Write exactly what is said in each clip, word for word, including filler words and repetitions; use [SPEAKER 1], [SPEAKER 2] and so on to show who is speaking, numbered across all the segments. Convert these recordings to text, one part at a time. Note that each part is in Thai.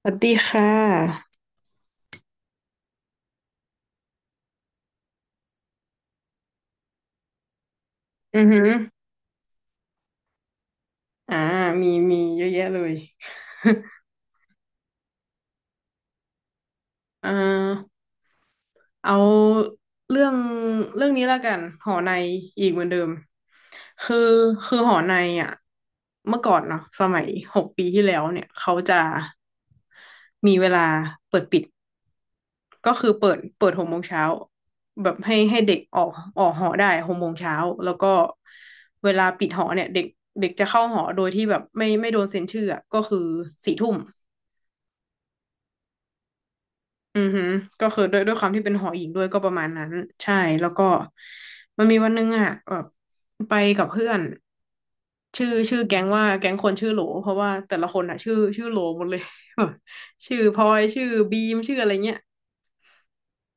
[SPEAKER 1] สวัสดีค่ะอือหืออ่ามี มีเยอะแยะเลยอ่าเอาเรื่อง เรื่องนี้แล้วกัน หอใน อีกเหมือนเดิมคือคือหอในอ่ะเมื่อก่อนเนาะสมัยหกปีที่แล้วเนี่ยเขาจะมีเวลาเปิดปิด ก็คือเปิดเปิดหกโมงเช้าแบบให้ให้เด็กออกออกหอได้หกโมงเช้าแล้วก็เวลาปิดหอเนี่ยเด็กเด็กจะเข้าหอโดยที่แบบไม่ไม่โดนเซ็นชื่ออะก็คือสี่ทุ่ม อือหือก็คือด้วยด้วยความที่เป็นหออีกด้วยก็ประมาณนั้นใช่แล้วก็มันมีวันหนึงอ่ะแบบไปกับเพื่อนชื่อชื่อแก๊งว่าแก๊งคนชื่อโหลเพราะว่าแต่ละคนอ่ะชื่อชื่อโหลหมดเลย แบบชื่อพลอยชื่อบีมชื่ออะไรเงี้ย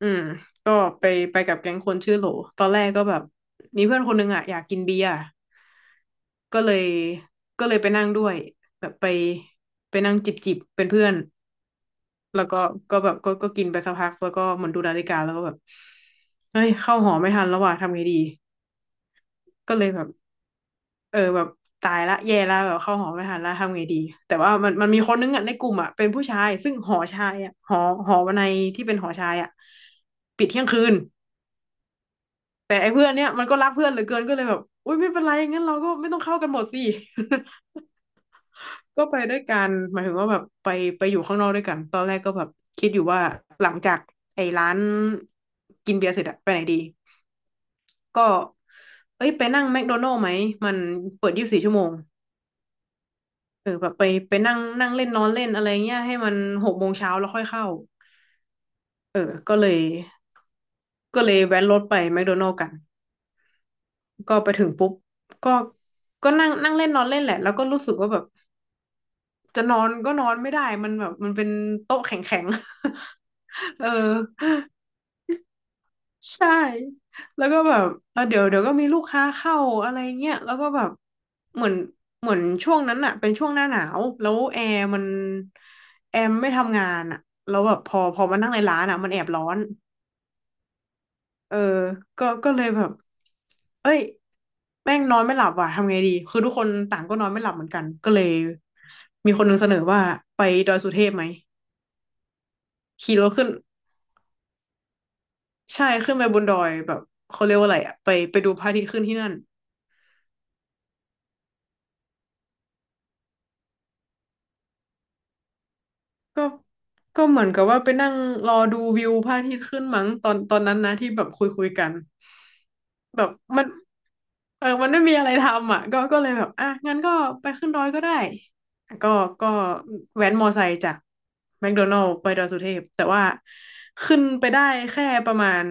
[SPEAKER 1] อืมก็ไปไปกับแก๊งคนชื่อโหลตอนแรกก็แบบมีเพื่อนคนหนึงอ่ะอยากกินเบียร์ก็เลยก็เลยไปนั่งด้วยแบบไปไปนั่งจิบจิบเป็นเพื่อน แล้วก็ก็แบบก็ก็กินไปสักพักแล้วก็เหมือนดูนาฬิกาแล้วก็แบบเฮ้ยเข้าหอไม่ทันแล้วว่ะทำไงดีก็เลยแบบเออแบบตายละแย่ละแบบเข้าหอไม่ทันละทำไงดีแต่ว่ามันมันมีคนนึงอ่ะในกลุ่มอ่ะเป็นผู้ชายซึ่งหอชายอ่ะหอหอวันในที่เป็นหอชายอ่ะปิดเที่ยงคืนแต่ไอ้เพื่อนเนี้ยมันก็รักเพื่อนเหลือเกินก็เลยแบบอุ้ยไม่เป็นไรงั้นเราก็ไม่ต้องเข้ากันหมดสิ ก็ไปด้วยกันหมายถึงว่าแบบไปไปอยู่ข้างนอกด้วยกันตอนคิดอยู่ว่าหลังจากไอ้ร้านกินเบียร์เสร็จอะไปไหนดี ก็เอ้ยไปนั่งแมคโดนัลด์ไหม มันเปิดยี่สิบสี่ชั่วโมงเออแบบไปไปนั่งนั่งเล่นนอนเล่นอะไรเงี้ยให้มันหกโมงเช้าแล้วค่อยเข้าเออก็เลยก็เลยแวะรถไปแมคโดนัลด์กัน ก็ไปถึงปุ๊บ ก็ก็นั่งนั่งเล่นนอนเล่นแหละ แล้วก็รู้สึกว่าแบบจะนอนก็นอนไม่ได้มันแบบมันเป็นโต๊ะแข็งๆ เออ ใช่แล้วก็แบบเออเดี๋ยวเดี๋ยวก็มีลูกค้าเข้าอะไรเงี้ยแล้วก็แบบเหมือนเหมือนช่วงนั้นอะเป็นช่วงหน้าหนาวแล้วแอร์มันแอร์ไม่ทำงานอะแล้วแบบพอพอมานั่งในร้านอะมันแอบร้อนเออก็ก็เลยแบบเอ้ยแม่งนอนไม่หลับว่ะทำไงดีคือทุกคนต่างก็นอนไม่หลับเหมือนกันก็เลยมีคนหนึ่งเสนอว่าไปดอยสุเทพไหมขี่รถขึ้นใช่ขึ้นไปบนดอยแบบเขาเรียกว่าอะไรอะไปไปดูพระอาทิตย์ขึ้นที่นั่น ก็ก็เหมือนกับว่าไปนั่งรอดูวิวพระอาทิตย์ขึ้นมั้งตอนตอนนั้นนะที่แบบคุยคุยกันแบบมันเออมันไม่มีอะไรทำอ่ะก็ก็เลยแบบอ่ะงั้นก็ไปขึ้นดอยก็ได้ก็ก็แว้นมอไซค์จากแมคโดนัลด์ไปดอยสุเทพแต่ว่าขึ้นไปได้แค่ประมาณ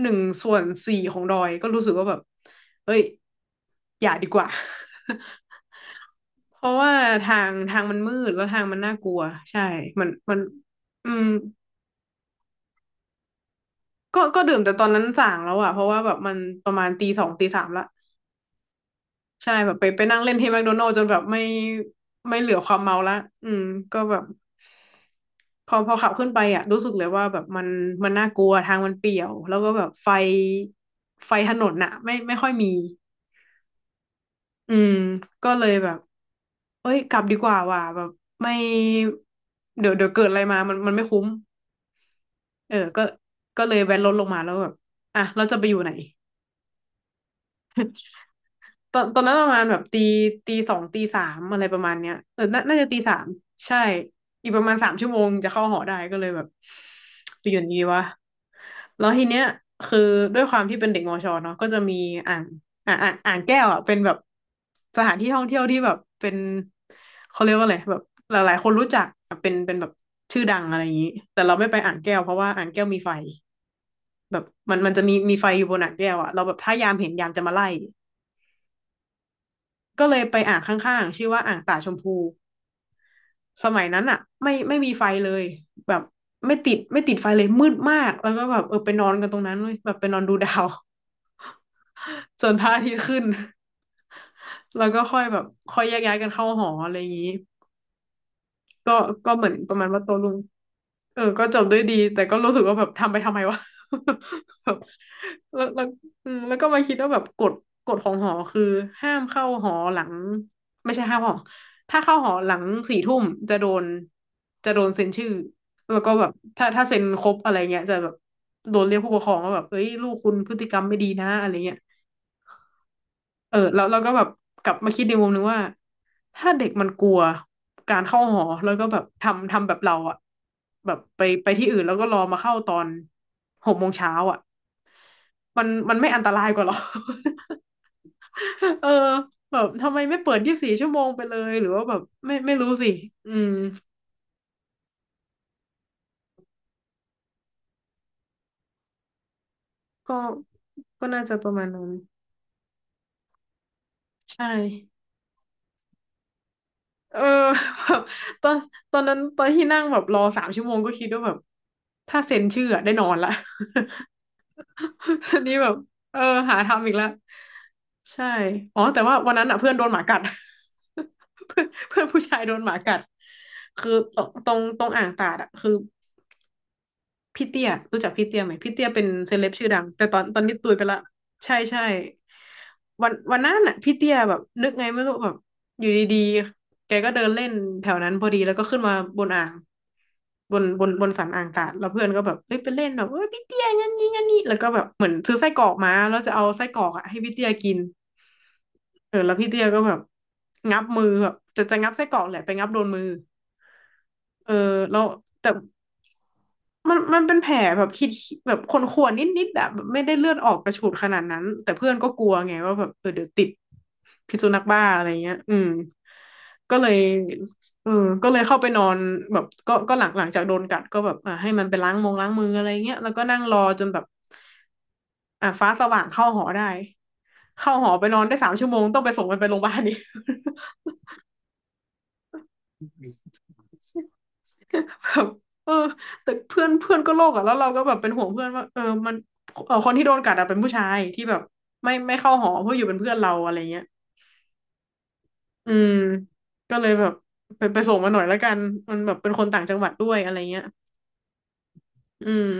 [SPEAKER 1] หนึ่งส่วนสี่ของดอยก็รู้สึกว่าแบบเอ้ยอย่าดีกว่า เพราะว่าทางทางมันมืดแล้วทางมันน่ากลัวใช่ มันมันอืมก็ก็ดื่มแต่ตอนนั้นส่างแล้วอะเพราะว่าแบบมันประมาณตีสองตีสามละใช่แบบไปไปนั่งเล่นที่แมคโดนัลด์จนแบบไม่ไม่เหลือความเมาละอืมก็แบบพอพอขับขึ้นไปอ่ะรู้สึกเลยว่าแบบมันมันน่ากลัวทางมันเปี่ยวแล้วก็แบบไฟไฟถนนน่ะไม่ไม่ค่อยมี อืมก็เลยแบบเอ้ยกลับดีกว่าว่ะแบบไม่เดี๋ยวเดี๋ยวเกิดอะไรมามันมันไม่คุ้มเออก็ก็เลยแวนรถลงมาแล้วแบบอ่ะเราจะไปอยู่ไหน ตอนตอนนั้นประมาณแบบตีตีสองตีสามอะไรประมาณเนี้ยเออน่าน่าจะตีสามใช่อีกประมาณสามชั่วโมงจะเข้าหอได้ก็เลยแบบไปอยู่ดีวะแล้วทีเนี้ยคือด้วยความที่เป็นเด็กมอชอเนาะก็จะมีอ่างอ่างอ่างอ่างแก้วอ่ะเป็นแบบสถานที่ท่องเที่ยวที่แบบเป็นเขาเรียกว่าอะไรแบบหลายๆคนรู้จักอ่ะเป็นเป็นแบบชื่อดังอะไรอย่างนี้แต่เราไม่ไปอ่างแก้วเพราะว่าอ่างแก้วมีไฟแบบมันมันจะมีมีไฟอยู่บนอ่างแก้วอ่ะเราแบบถ้ายามเห็นยามจะมาไล่ ก็เลยไปอ่างข้างๆชื่อว่าอ่างตาชมพูสมัยนั้นอ่ะไม่ไม่มีไฟเลยแบบไม่ติดไม่ติดไฟเลยมืดมากแล้วก็แบบเออไปนอนกันตรงนั้นเลยแบบไปนอนดูดาว จนพระอาทิตย์ขึ้น แล้วก็ค่อยแบบค่อยแยกย้ายกันเข้าหออะไรอย่างนี้ก็ก็เหมือนประมาณว่าโตวลุง เออก็จบด้วยดี แต่ก็รู้สึกว่าแบบทำไปทำไมวะ แบบแล้วแล้วอืมแล้วก็มาคิดว่าแบบกฎกฎของหอคือห้ามเข้าหอหลังไม่ใช่ห้ามหอถ้าเข้าหอหลังสี่ทุ่มจะโดนจะโดนเซ็นชื่อแล้วก็แบบถ้าถ้าเซ็นครบอะไรเงี้ยจะแบบโดนเรียกผู้ปกครองว่าแบบเอ้ยลูกคุณพฤติกรรมไม่ดีนะอะไรเงี้ย เออแล้วเราก็แบบกลับมาคิดในมุมนึงว่าถ้าเด็กมันกลัวการเข้าหอแล้วก็แบบทำทำแบบเราอะแบบไปไปที่อื่นแล้วก็รอมาเข้าตอนหกโมงเช้าอะมันมันไม่อันตรายกว่าหรอ เออแบบทำไมไม่เปิดยี่สิบสี่ชั่วโมงไปเลยหรือว่าแบบไม่ไม่รู้สิอืมก็ก็น่าจะประมาณนั้นใช่เออ แบบตอนตอนนั้นตอนที่นั่งแบบรอสามชั่วโมงก็คิดว่าแบบถ้าเซ็นชื่ออะได้นอนละ อันนี้แบบเออหาทำอีกแล้วใช่ อ๋อแต่ว่าวันนั้นอ่ะเพื่อนโดนหมากัด เพื่อนเพื่อนผู้ชายโดนหมากัดคือตรงตรงตรงอ่างตาดอ่ะคือ พี่เตี้ยรู้จักพี่เตี้ยไหมพี่เตี้ยเป็นเซเลบชื่อดังแต่ตอนตอนนี้ตุยไปละใช่ใช่วันวันนั้นน่ะพี่เตี้ยแบบนึกไงไม่รู้แบบอยู่ดีๆแกก็เดินเล่นแถวนั้นพอดีแล้วก็ขึ้นมาบนอ่างบนบนบนสันอ่างตาดแล้วเพื่อนก็แบบเฮ้ยไปเล่นแบบเฮ้ยพี่เตี้ยงั้นยิงงั้นนี่แล้วก็แบบเหมือนซื้อไส้กรอกมาแล้วจะเอาไส้กรอกอ่ะให้พี่เตี้ยกินเออแล้วพี่เตี้ยก็แบบงับมือแบบจะจะงับไส้กรอกแหละไปงับโดนมือเออแล้วแต่ มันมันเป็นแผลแบบคิดแบบคนข่วนๆนิดๆอะแบบไม่ได้เลือดออกกระฉูดขนาดนั้นแต่เพื่อนก็กลัวไงว่าแบบเออเดี๋ยวติดพิษสุนัขบ้าอะไรเงี้ยอืมก็เลยเออก็เลยเข้าไปนอนแบบก็ก็หลังหลังจากโดนกัดก็แบบอ่าให้มันไปล้างมงล้างมืออะไรเงี้ยแล้วก็นั่งรอจนแบบอ่าฟ้าสว่างเข้าหอได้เข้าหอไปนอนได้สามชั่วโมงต้องไปส่งมันไปโรงพยาบาลนี่ แบบเออแต่เพื่อนเพื่อนก็โลกอะแล้วเราก็แบบเป็นห่วงเพื่อนว่าเออมันเออคนที่โดนกัดอะเป็นผู้ชายที่แบบไม่ไม่เข้าหอเพื่ออยู่เป็นเพื่อนเราอะไรเงี้ยอืมก็เลยแบบไปไปส่งมาหน่อยแล้วกันมันแบบเป็นคนต่างจังหวัดด้วยอะไรเงี้ยอืม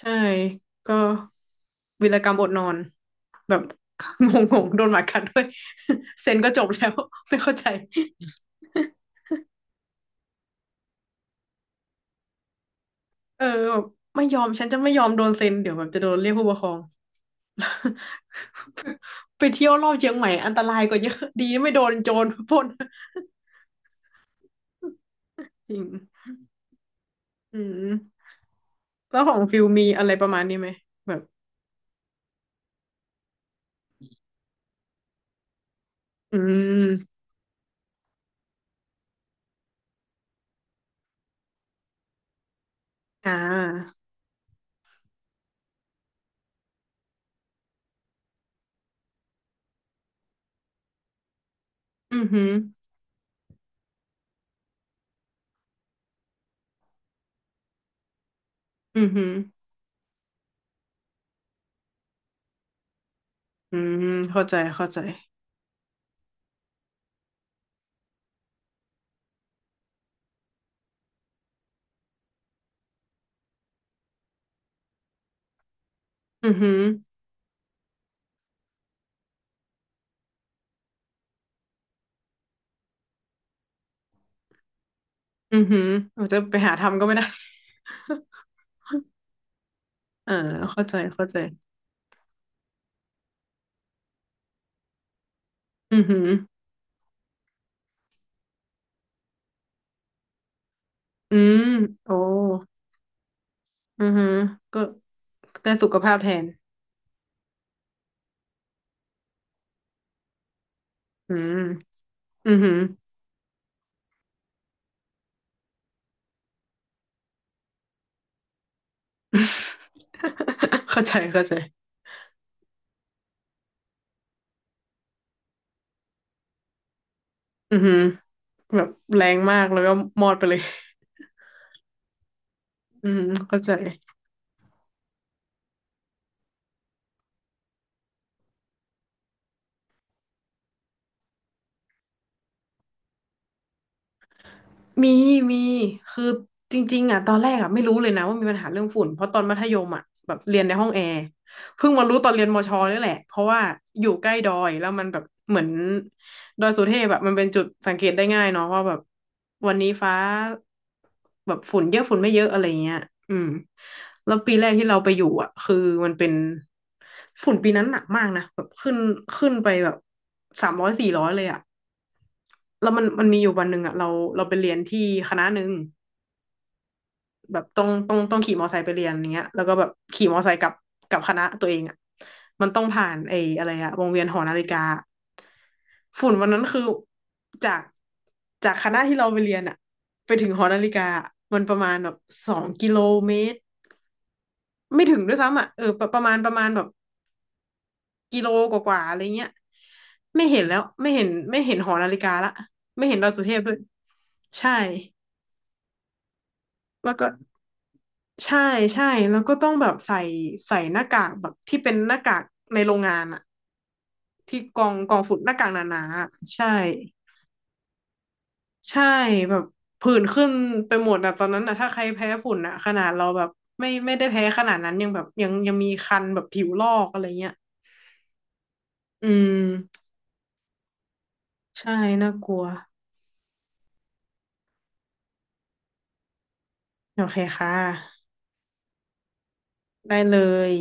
[SPEAKER 1] ใช่ก็วีรกรรมอดนอนแบบงงๆโดนหมากัดด้วย เซ็นก็จบแล้วไม่เข้าใจเออแบบไม่ยอมฉันจะไม่ยอมโดนเซ็นเดี๋ยวแบบจะโดนเรียกผู้ปกครอง ไปเที่ยวรอบเชียงใหม่อันตรายกว่าเยอะดีไม่โดนโจรปล้นจริงอืมแล้วของฟิลมีอะไรประมาณนี้ไหมแบบอืมอ่าอือหืออือหืออืมเข้าใจเข้าใจอือหืออือหือเราจะไปหาทำก็ไม่ได้ เ่าเข้าใจเข้าใจอือหืออืมโอ้อือหือก็ได้สุขภาพแทนอืมอือหือ เข้าใจเข้าใจอือหือแบบแรงมากแล้วก็มอดไปเลย อืมเข้าใจมีมีคือจริงๆอ่ะตอนแรกอ่ะไม่รู้เลยนะว่ามีปัญหาเรื่องฝุ่นเพราะตอนมัธยมอ่ะแบบเรียนในห้องแอร์เพิ่งมารู้ตอนเรียนมชนี่แหละเพราะว่าอยู่ใกล้ดอยแล้วมันแบบเหมือนดอยสุเทพแบบมันเป็นจุดสังเกตได้ง่ายเนาะว่าแบบวันนี้ฟ้าแบบฝุ่นเยอะฝุ่นไม่เยอะอะไรเงี้ยอืมแล้วปีแรกที่เราไปอยู่อ่ะคือมันเป็นฝุ่นปีนั้นหนักมากนะแบบขึ้นขึ้นไปแบบสามร้อยสี่ร้อยเลยอ่ะ แล้วมันมันมีอยู่วันหนึ่งอ่ะเราเราไปเรียนที่คณะหนึ่งแบบต้องต้องต้องขี่มอไซค์ไปเรียนอย่างเงี้ยแล้วก็แบบขี่มอไซค์กลับกลับคณะตัวเองอ่ะมันต้องผ่านไอ้อะไรอ่ะวงเวียนหอนาฬิกาฝุ่นวันนั้นคือจากจากคณะที่เราไปเรียนอ่ะไปถึงหอนาฬิกาอะมันประมาณแบบสองกิโลเมตรไม่ถึงด้วยซ้ำอ่ะเออประประมาณประมาณแบบกิโลกว่าๆอะไรเงี้ยไม่เห็นแล้วไม่เห็นไม่เห็นหอนาฬิกาละไม่เห็นดาวสุเทพด้วยใช่แล้วก็ ใช่ใช่แล้วก็ต้องแบบใส่ใส่หน้ากากแบบที่เป็นหน้ากากในโรงงานอะที่กองกองฝุ่นหน้ากากหนาๆอะใช่ใช่แบบผื่นขึ้นไปหมดอะตอนนั้นอะถ้าใครแพ้ฝุ่นอะขนาดเราแบบไม่ไม่ได้แพ้ขนาดนั้นยังแบบยังยังมีคันแบบผิวลอกอะไรเงี้ยอืมใช่น่ากลัวโอเคค่ะได้เลย